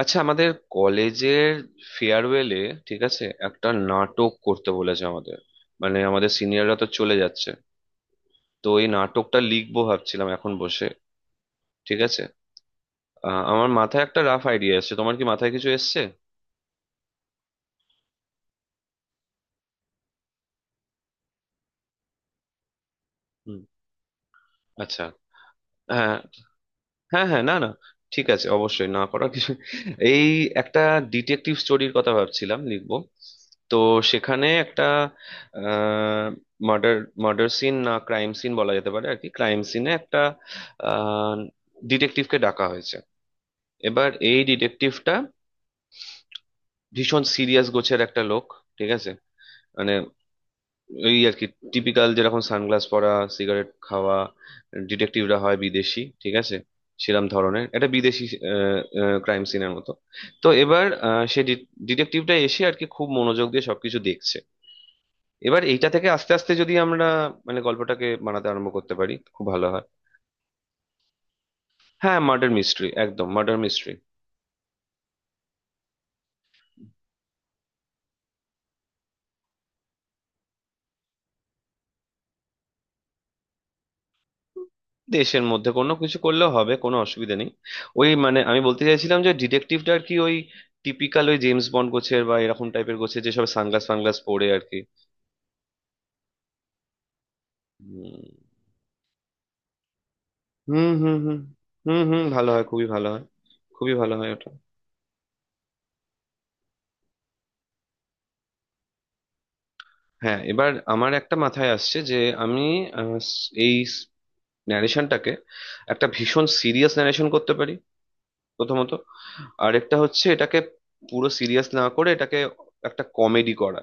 আচ্ছা, আমাদের কলেজের ফেয়ারওয়েলে, ঠিক আছে, একটা নাটক করতে বলেছে আমাদের। মানে আমাদের সিনিয়ররা তো চলে যাচ্ছে, তো এই নাটকটা লিখবো ভাবছিলাম এখন বসে। ঠিক আছে। আমার মাথায় একটা রাফ আইডিয়া এসেছে, তোমার কি মাথায় কিছু এসছে? হুম। আচ্ছা। হ্যাঁ। হ্যাঁ হ্যাঁ, না না। ঠিক আছে, অবশ্যই না করার কিছু। এই, একটা ডিটেকটিভ স্টোরির কথা ভাবছিলাম লিখবো। তো সেখানে একটা মার্ডার, মার্ডার সিন না ক্রাইম সিন বলা যেতে পারে আর কি। ক্রাইম সিনে একটা ডিটেকটিভকে ডাকা হয়েছে। এবার এই ডিটেকটিভটা ভীষণ সিরিয়াস গোছের একটা লোক, ঠিক আছে, মানে এই আর কি টিপিক্যাল যেরকম সানগ্লাস পরা, সিগারেট খাওয়া ডিটেকটিভরা হয় বিদেশি, ঠিক আছে, সেরম ধরনের, এটা বিদেশি ক্রাইম সিনের মতো। তো এবার সে ডিটেকটিভটা এসে আর কি খুব মনোযোগ দিয়ে সবকিছু দেখছে। এবার এইটা থেকে আস্তে আস্তে যদি আমরা মানে গল্পটাকে বানাতে আরম্ভ করতে পারি, খুব ভালো হয়। হ্যাঁ, মার্ডার মিস্ট্রি, একদম মার্ডার মিস্ট্রি। দেশের মধ্যে কোনো কিছু করলেও হবে, কোনো অসুবিধা নেই। ওই, মানে আমি বলতে চাইছিলাম যে ডিটেকটিভটা আর কি ওই টিপিক্যাল ওই জেমস বন্ড গোছের বা এরকম টাইপের গোছের, যেসব সানগ্লাস ফানগ্লাস পরে আর কি। হুম হুম। হুম হুম হুম, ভালো হয়, খুবই ভালো হয়। খুবই ভালো হয় ওটা। হ্যাঁ, এবার আমার একটা মাথায় আসছে যে আমি আহ, এই ন্যারেশনটাকে একটা ভীষণ সিরিয়াস ন্যারেশন করতে পারি, প্রথমত। আরেকটা হচ্ছে এটাকে পুরো সিরিয়াস না করে এটাকে একটা কমেডি করা।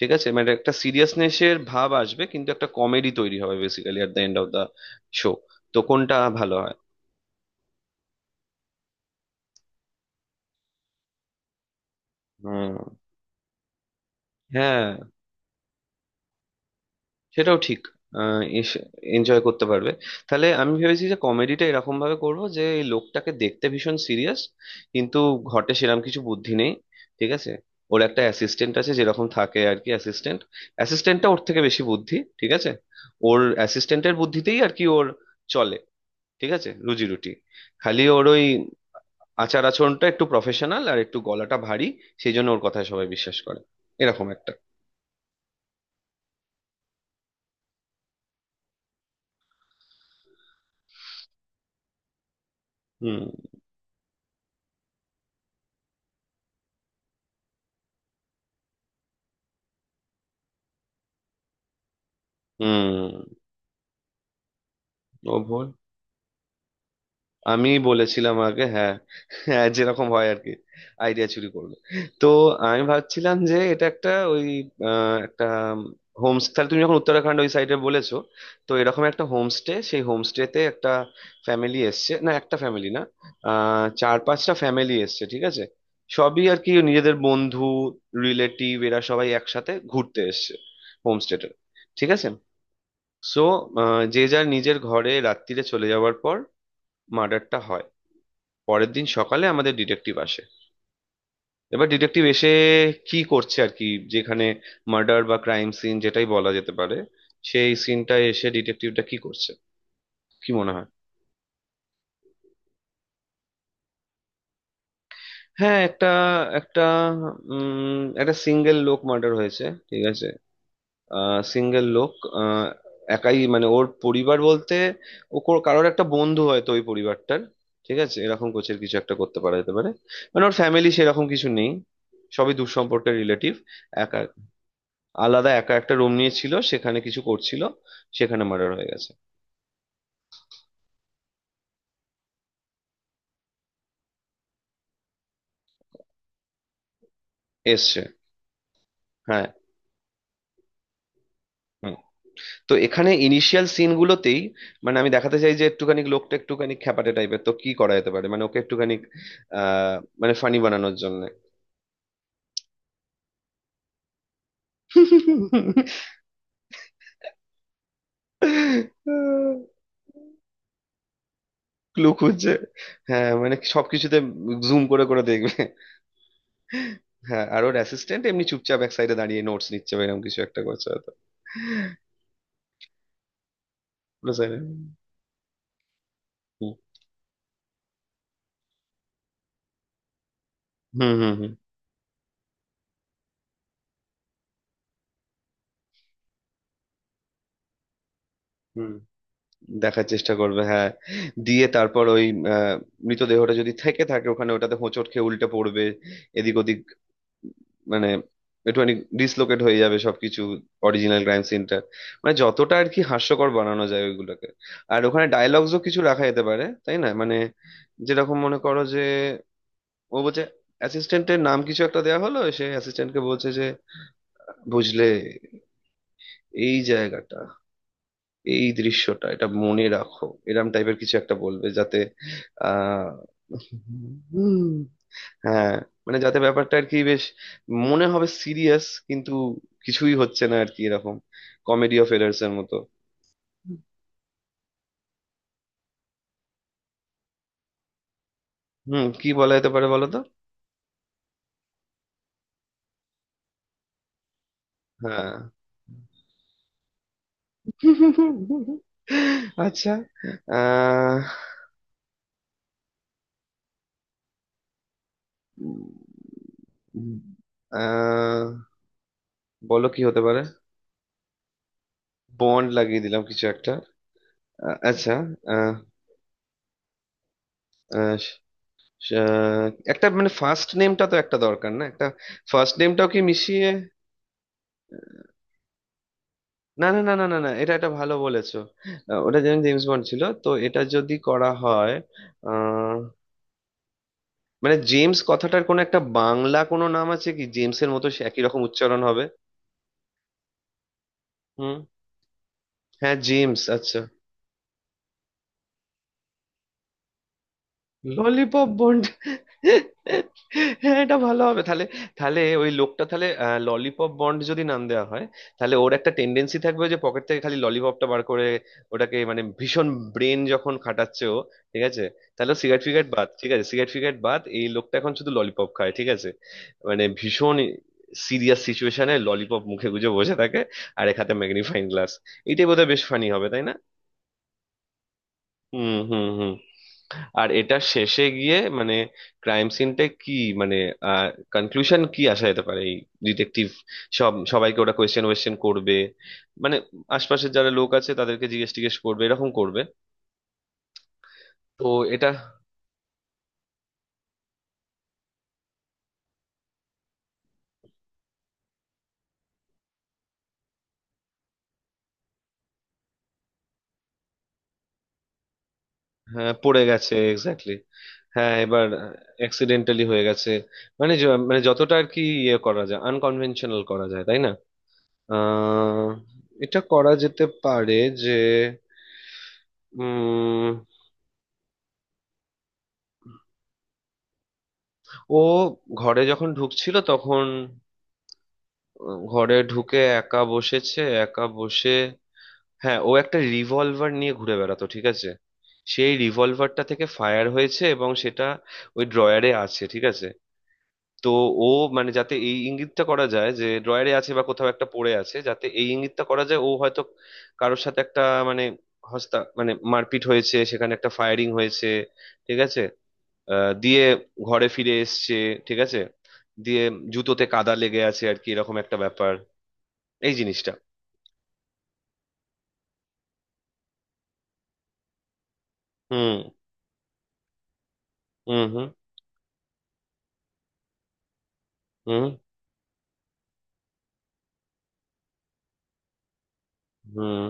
ঠিক আছে, মানে একটা সিরিয়াসনেসের ভাব আসবে কিন্তু একটা কমেডি তৈরি হবে basically at the end of the show. তো কোনটা ভালো হয়? হুম। হ্যাঁ, সেটাও ঠিক, এনজয় করতে পারবে। তাহলে আমি ভেবেছি যে কমেডিটা এরকম ভাবে করব যে এই লোকটাকে দেখতে ভীষণ সিরিয়াস কিন্তু ঘটে সেরকম কিছু বুদ্ধি নেই, ঠিক আছে। ওর একটা অ্যাসিস্ট্যান্ট আছে, যেরকম থাকে আর কি অ্যাসিস্ট্যান্ট। অ্যাসিস্ট্যান্টটা ওর থেকে বেশি বুদ্ধি, ঠিক আছে, ওর অ্যাসিস্ট্যান্টের বুদ্ধিতেই আর কি ওর চলে, ঠিক আছে, রুজি রুটি। খালি ওর ওই আচার আচরণটা একটু প্রফেশনাল আর একটু গলাটা ভারী, সেই জন্য ওর কথায় সবাই বিশ্বাস করে, এরকম একটা। হুম হুম। ও ভোল, আমি বলেছিলাম আগে, হ্যাঁ। হ্যাঁ, যেরকম হয় আর কি। আইডিয়া চুরি করবে। তো আমি ভাবছিলাম যে এটা একটা ওই একটা হোমস্টে, তাহলে তুমি যখন উত্তরাখণ্ড ওই সাইডে বলেছো। তো এরকম একটা হোমস্টে, সেই হোমস্টেতে একটা ফ্যামিলি এসছে, না একটা ফ্যামিলি না, চার পাঁচটা ফ্যামিলি এসছে, ঠিক আছে। সবই আর কি নিজেদের বন্ধু, রিলেটিভ, এরা সবাই একসাথে ঘুরতে এসছে হোমস্টেটা, ঠিক আছে। সো যে যার নিজের ঘরে রাত্রিরে চলে যাওয়ার পর মার্ডারটা হয়। পরের দিন সকালে আমাদের ডিটেকটিভ আসে। এবার ডিটেকটিভ এসে কি করছে আর কি, যেখানে মার্ডার বা ক্রাইম সিন যেটাই বলা যেতে পারে, সেই সিনটায় এসে ডিটেকটিভটা কি করছে, কি মনে হয়? হ্যাঁ, একটা একটা উম একটা সিঙ্গেল লোক মার্ডার হয়েছে, ঠিক আছে। সিঙ্গেল লোক। আহ একাই, মানে ওর পরিবার বলতে ও কারোর একটা বন্ধু হয়তো ওই পরিবারটার, ঠিক আছে, এরকম কোচের কিছু একটা করতে পারা যেতে পারে। মানে ওর ফ্যামিলি সেরকম কিছু নেই, সবই দূর সম্পর্কের রিলেটিভ। একা, আলাদা একা একটা রুম নিয়েছিল, সেখানে কিছু করছিল, সেখানে মার্ডার হয়ে গেছে। এসছে। হ্যাঁ। হুম। তো এখানে ইনিশিয়াল সিন গুলোতেই মানে আমি দেখাতে চাই যে একটুখানি লোকটা একটুখানি খ্যাপাটে টাইপের, তো কি করা যেতে পারে মানে ওকে একটুখানি আহ মানে ফানি বানানোর জন্য। ক্লু খুঁজছে, হ্যাঁ মানে সবকিছুতে জুম করে করে দেখবে। হ্যাঁ, আর ওর অ্যাসিস্ট্যান্ট এমনি চুপচাপ এক সাইডে দাঁড়িয়ে নোটস নিচ্ছে বা এরকম কিছু একটা করছে হয়তো। পুরো silent. হুম হুম হুম হুম। দেখার চেষ্টা করবে, হ্যাঁ, দিয়ে তারপর ওই আহ, মৃতদেহটা যদি থেকে থাকে ওখানে ওটাতে হোঁচট খেয়ে উল্টে পড়বে, এদিক ওদিক, মানে একটুখানি ডিসলোকেট হয়ে যাবে সবকিছু, অরিজিনাল ক্রাইম সিনটা, মানে যতটা আর কি হাস্যকর বানানো যায় ওইগুলোকে। আর ওখানে ডায়লগসও কিছু রাখা যেতে পারে, তাই না, মানে যেরকম মনে করো যে ও বলছে, অ্যাসিস্ট্যান্টের নাম কিছু একটা দেয়া হলো, সে অ্যাসিস্ট্যান্টকে বলছে যে বুঝলে, এই জায়গাটা, এই দৃশ্যটা এটা মনে রাখো, এরম টাইপের কিছু একটা বলবে যাতে আহ হুম, হ্যাঁ মানে যাতে ব্যাপারটা আর কি বেশ মনে হবে সিরিয়াস, কিন্তু কিছুই হচ্ছে না আর কি এরকম, কমেডি অফ এরার্স এর মতো। হুম, কি বলা যেতে পারে বলো তো? হ্যাঁ, আচ্ছা। আহ উম, আহ বলো কি হতে পারে? বন্ড লাগিয়ে দিলাম কিছু একটা। আচ্ছা। আহ আহ, আহ, একটা মানে ফার্স্ট নেমটা তো একটা দরকার, না, একটা ফার্স্ট নেমটাও কি মিশিয়ে? না না না না না না, এটা এটা ভালো বলেছো। ওটা যেমন জেমস বন্ড ছিল তো এটা যদি করা হয় আহ, মানে জেমস কথাটার কোনো একটা বাংলা কোনো নাম আছে কি, জেমসের মতো সে একই রকম উচ্চারণ হবে? হুম। হ্যাঁ, জেমস, আচ্ছা। ললিপপ বন্ড, হ্যাঁ এটা ভালো হবে তাহলে। তাহলে ওই লোকটা তাহলে ললিপপ বন্ড যদি নাম দেওয়া হয় তাহলে ওর একটা টেন্ডেন্সি থাকবে যে পকেট থেকে খালি ললিপপটা বার করে ওটাকে, মানে ভীষণ ব্রেন যখন খাটাচ্ছে ও, ঠিক আছে, তাহলে সিগারেট ফিগারেট বাদ, ঠিক আছে সিগারেট ফিগারেট বাদ, এই লোকটা এখন শুধু ললিপপ খায়, ঠিক আছে। মানে ভীষণ সিরিয়াস সিচুয়েশনে ললিপপ মুখে গুজে বসে থাকে আর এক হাতে ম্যাগনিফাইং গ্লাস, এইটাই বোধহয় বেশ ফানি হবে, তাই না? হুম হুম হুম। আর এটা শেষে গিয়ে মানে ক্রাইম সিনটা কি, মানে আহ কনক্লুশন কি আসা যেতে পারে, এই ডিটেকটিভ সব সবাইকে ওরা কোয়েশ্চেন ওয়েশ্চেন করবে মানে আশপাশের যারা লোক আছে তাদেরকে জিজ্ঞেস টিজ্ঞেস করবে এরকম করবে, তো এটা। হ্যাঁ, পড়ে গেছে এক্স্যাক্টলি। হ্যাঁ এবার অ্যাক্সিডেন্টালি হয়ে গেছে, মানে মানে যতটা আর কি ইয়ে করা যায় আনকনভেনশনাল করা যায় তাই না। আহ এটা করা যেতে পারে যে উম ও ঘরে যখন ঢুকছিল তখন, ঘরে ঢুকে একা বসেছে, একা বসে, হ্যাঁ ও একটা রিভলভার নিয়ে ঘুরে বেড়াতো, ঠিক আছে। সেই রিভলভারটা থেকে ফায়ার হয়েছে এবং সেটা ওই ড্রয়ারে আছে, ঠিক আছে। তো ও মানে যাতে এই ইঙ্গিতটা করা যায় যে ড্রয়ারে আছে বা কোথাও একটা পড়ে আছে, যাতে এই ইঙ্গিতটা করা যায় ও হয়তো কারোর সাথে একটা মানে হস্তা মানে মারপিট হয়েছে, সেখানে একটা ফায়ারিং হয়েছে, ঠিক আছে। দিয়ে ঘরে ফিরে এসছে, ঠিক আছে, দিয়ে জুতোতে কাদা লেগে আছে আর কি এরকম একটা ব্যাপার, এই জিনিসটা। হুম হুম হুম হুম হুম।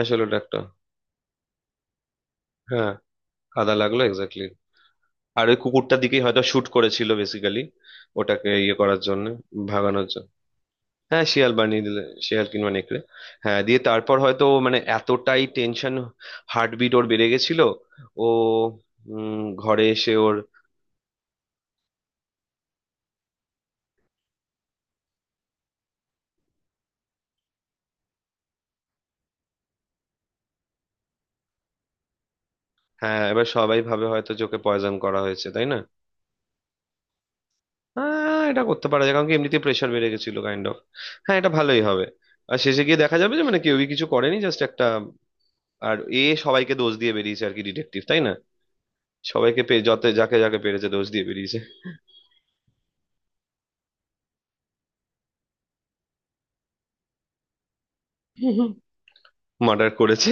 আসলে ওটা একটা, হ্যাঁ কাদা লাগলো এক্স্যাক্টলি। আর ওই কুকুরটার দিকেই হয়তো শুট করেছিল বেসিক্যালি, ওটাকে ইয়ে করার জন্য, ভাগানোর জন্য। হ্যাঁ শিয়াল বানিয়ে দিলে, শিয়াল কিংবা নেকড়ে। হ্যাঁ, দিয়ে তারপর হয়তো মানে এতটাই টেনশন, হার্টবিট ওর বেড়ে গেছিল। ও, ঘরে এসে ওর, হ্যাঁ এবার সবাই ভাবে হয়তো যে ওকে পয়জন করা হয়েছে, তাই না। হ্যাঁ এটা করতে পারা যায় কারণ কি এমনিতে প্রেশার বেড়ে গেছিল কাইন্ড অফ, হ্যাঁ এটা ভালোই হবে। আর শেষে গিয়ে দেখা যাবে যে মানে কেউই কিছু করেনি, জাস্ট একটা, আর এ সবাইকে দোষ দিয়ে বেরিয়েছে আর কি ডিটেকটিভ, তাই না। সবাইকে পে যত যাকে যাকে পেরেছে দোষ দিয়ে বেরিয়েছে। মার্ডার করেছে।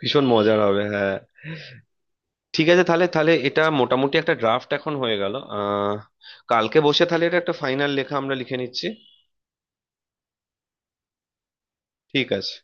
ভীষণ মজার হবে, হ্যাঁ। ঠিক আছে, তাহলে তাহলে এটা মোটামুটি একটা ড্রাফট এখন হয়ে গেল, কালকে বসে তাহলে এটা একটা ফাইনাল লেখা আমরা লিখে নিচ্ছি। ঠিক আছে।